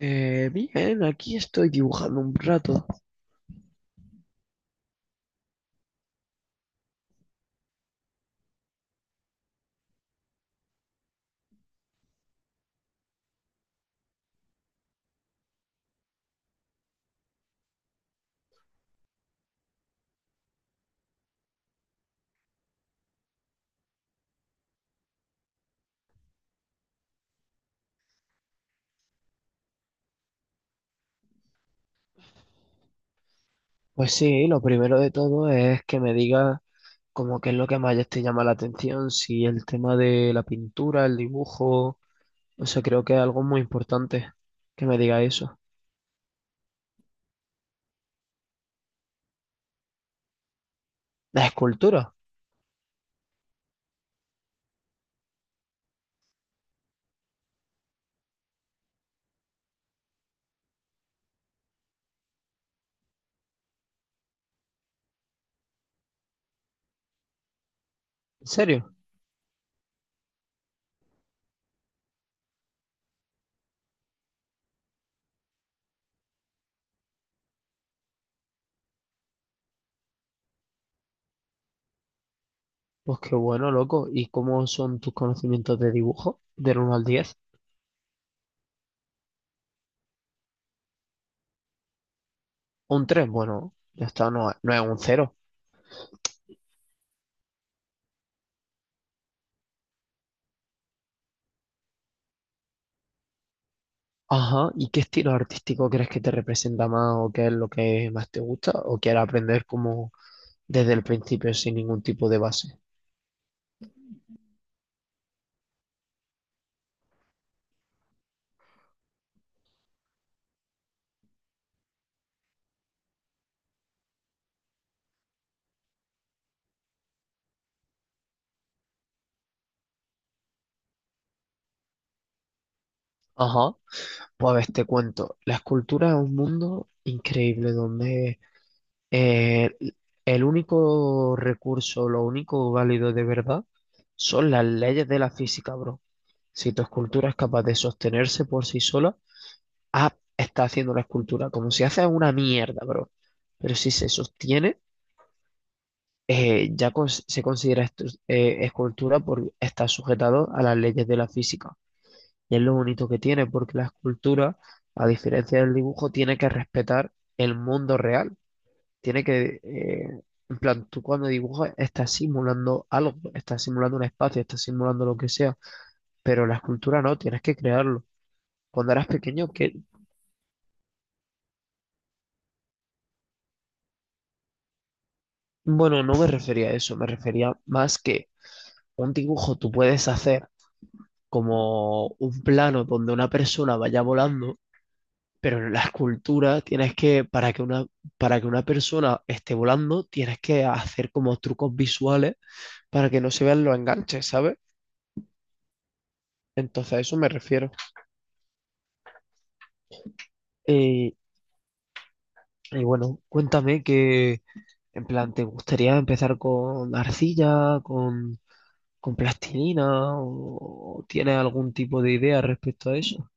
Bien, aquí estoy dibujando un rato. Pues sí, lo primero de todo es que me digas como qué es lo que más te llama la atención, si el tema de la pintura, el dibujo, o sea, creo que es algo muy importante que me diga eso. ¿La escultura? ¿En serio? Pues qué bueno, loco. ¿Y cómo son tus conocimientos de dibujo? Del uno al 10. Un 3 bueno, ya está, no, no es un cero. Ajá, ¿y qué estilo artístico crees que te representa más o qué es lo que más te gusta o quieres aprender como desde el principio sin ningún tipo de base? Ajá, pues a ver, te cuento, la escultura es un mundo increíble donde eh, el único recurso, lo único válido de verdad son las leyes de la física, bro. Si tu escultura es capaz de sostenerse por sí sola, ah, está haciendo la escultura. Como si hace una mierda, bro. Pero si se sostiene, ya se considera escultura porque está sujetado a las leyes de la física. Y es lo bonito que tiene, porque la escultura, a diferencia del dibujo, tiene que respetar el mundo real. Tiene que, en plan, tú cuando dibujas estás simulando algo, estás simulando un espacio, estás simulando lo que sea, pero la escultura no, tienes que crearlo. Cuando eras pequeño, que, bueno, no me refería a eso, me refería más que un dibujo tú puedes hacer como un plano donde una persona vaya volando, pero en la escultura tienes que, para que una persona esté volando, tienes que hacer como trucos visuales para que no se vean los enganches, ¿sabes? Entonces a eso me refiero. Y, y bueno, cuéntame que, en plan, ¿te gustaría empezar con arcilla, con plastilina o tienes algún tipo de idea respecto a eso?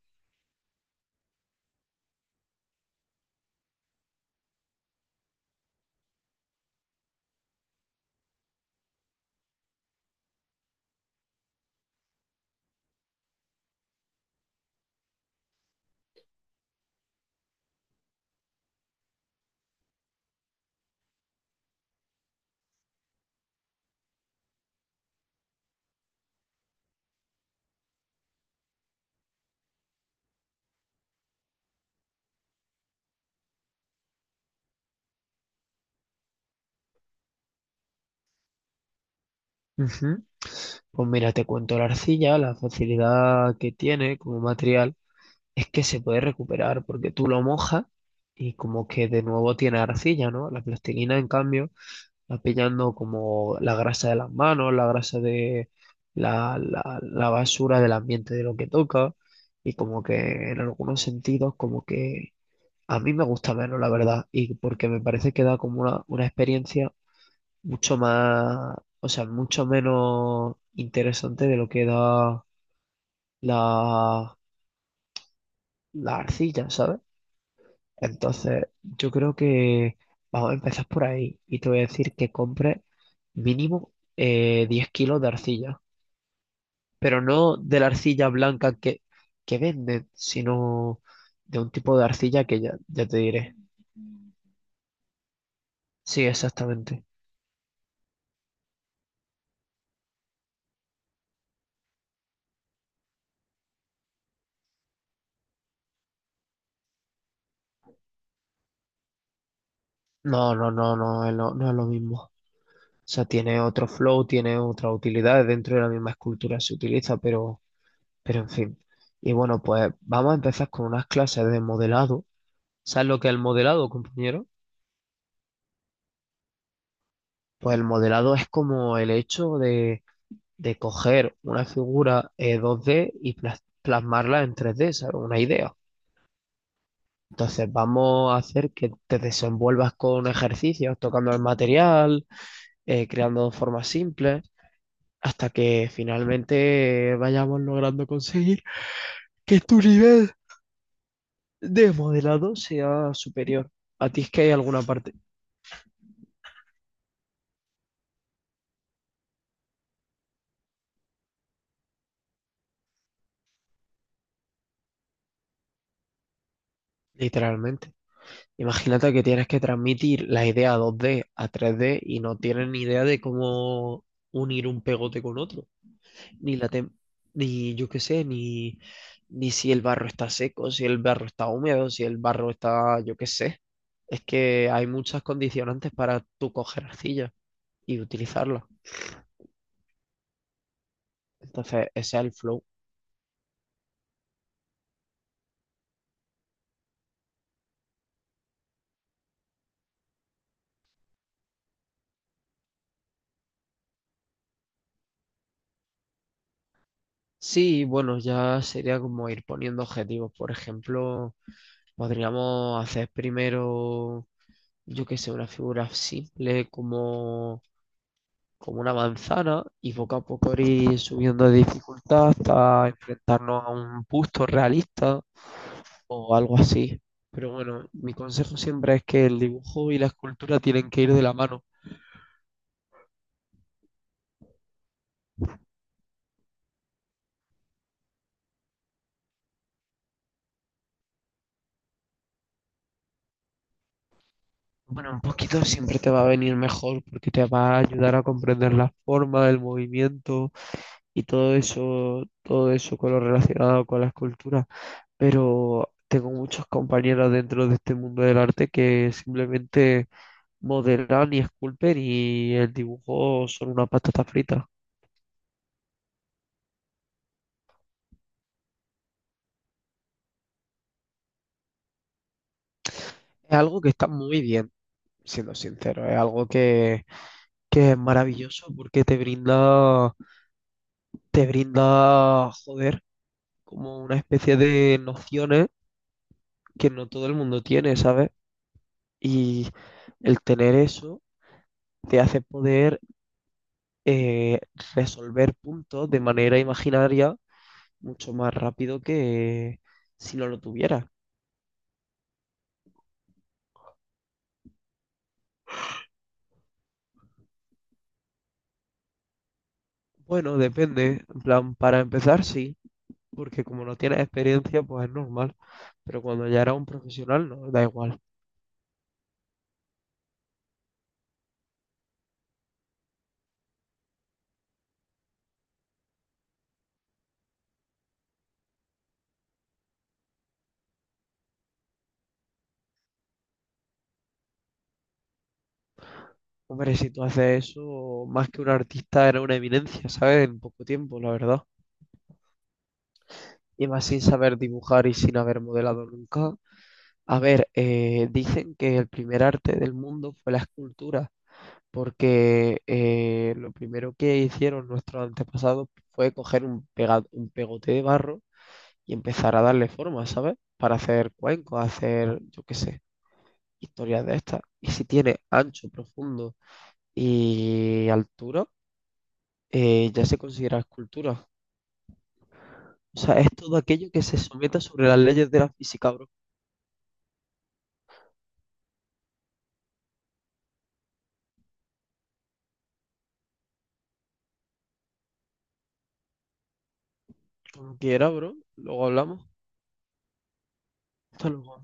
Pues mira, te cuento la arcilla, la facilidad que tiene como material es que se puede recuperar porque tú lo mojas y como que de nuevo tiene arcilla, ¿no? La plastilina, en cambio, va pillando como la grasa de las manos, la grasa de la basura del ambiente de lo que toca y como que en algunos sentidos como que a mí me gusta menos, la verdad, y porque me parece que da como una experiencia mucho más, o sea, mucho menos interesante de lo que da la, la arcilla, ¿sabes? Entonces, yo creo que vamos a empezar por ahí y te voy a decir que compres mínimo 10 kilos de arcilla, pero no de la arcilla blanca que venden, sino de un tipo de arcilla que ya te diré. Sí, exactamente. No, es no es lo mismo. Sea, tiene otro flow, tiene otras utilidades dentro de la misma escultura se utiliza, pero en fin. Y bueno, pues vamos a empezar con unas clases de modelado. ¿Sabes lo que es el modelado, compañero? Pues el modelado es como el hecho de coger una figura 2D y plasmarla en 3D, ¿sabes? Una idea. Entonces vamos a hacer que te desenvuelvas con ejercicios, tocando el material, creando formas simples, hasta que finalmente vayamos logrando conseguir que tu nivel de modelado sea superior a ti es que hay alguna parte, literalmente. Imagínate que tienes que transmitir la idea 2D a 3D y no tienes ni idea de cómo unir un pegote con otro, ni la tem- ni yo qué sé, ni ni si el barro está seco, si el barro está húmedo, si el barro está, yo qué sé. Es que hay muchas condicionantes para tú coger arcilla y utilizarla. Entonces, ese es el flow. Sí, bueno, ya sería como ir poniendo objetivos. Por ejemplo, podríamos hacer primero, yo qué sé, una figura simple como, como una manzana y poco a poco ir subiendo de dificultad hasta enfrentarnos a un busto realista o algo así. Pero bueno, mi consejo siempre es que el dibujo y la escultura tienen que ir de la mano. Bueno, un poquito siempre te va a venir mejor porque te va a ayudar a comprender la forma, el movimiento y todo eso con lo relacionado con la escultura. Pero tengo muchos compañeros dentro de este mundo del arte que simplemente modelan y esculpen y el dibujo son una patata frita. Es algo que está muy bien, siendo sincero. Es algo que es maravilloso porque te brinda, joder, como una especie de nociones que no todo el mundo tiene, ¿sabes? Y el tener eso te hace poder eh, resolver puntos de manera imaginaria mucho más rápido que si no lo tuviera. Bueno, depende. En plan, para empezar, sí, porque como no tienes experiencia, pues es normal. Pero cuando ya eras un profesional, no, da igual. Hombre, si tú haces eso, más que un artista, era una evidencia, ¿sabes? En poco tiempo, la verdad. Y más sin saber dibujar y sin haber modelado nunca. A ver, dicen que el primer arte del mundo fue la escultura porque lo primero que hicieron nuestros antepasados fue coger un, un pegote de barro y empezar a darle forma, ¿sabes? Para hacer cuencos, hacer, yo qué sé, historias de estas. Y si tiene ancho, profundo y altura, ya se considera escultura. O sea, es todo aquello que se someta sobre las leyes de la física, bro. Como quiera, bro. Luego hablamos. Hasta luego.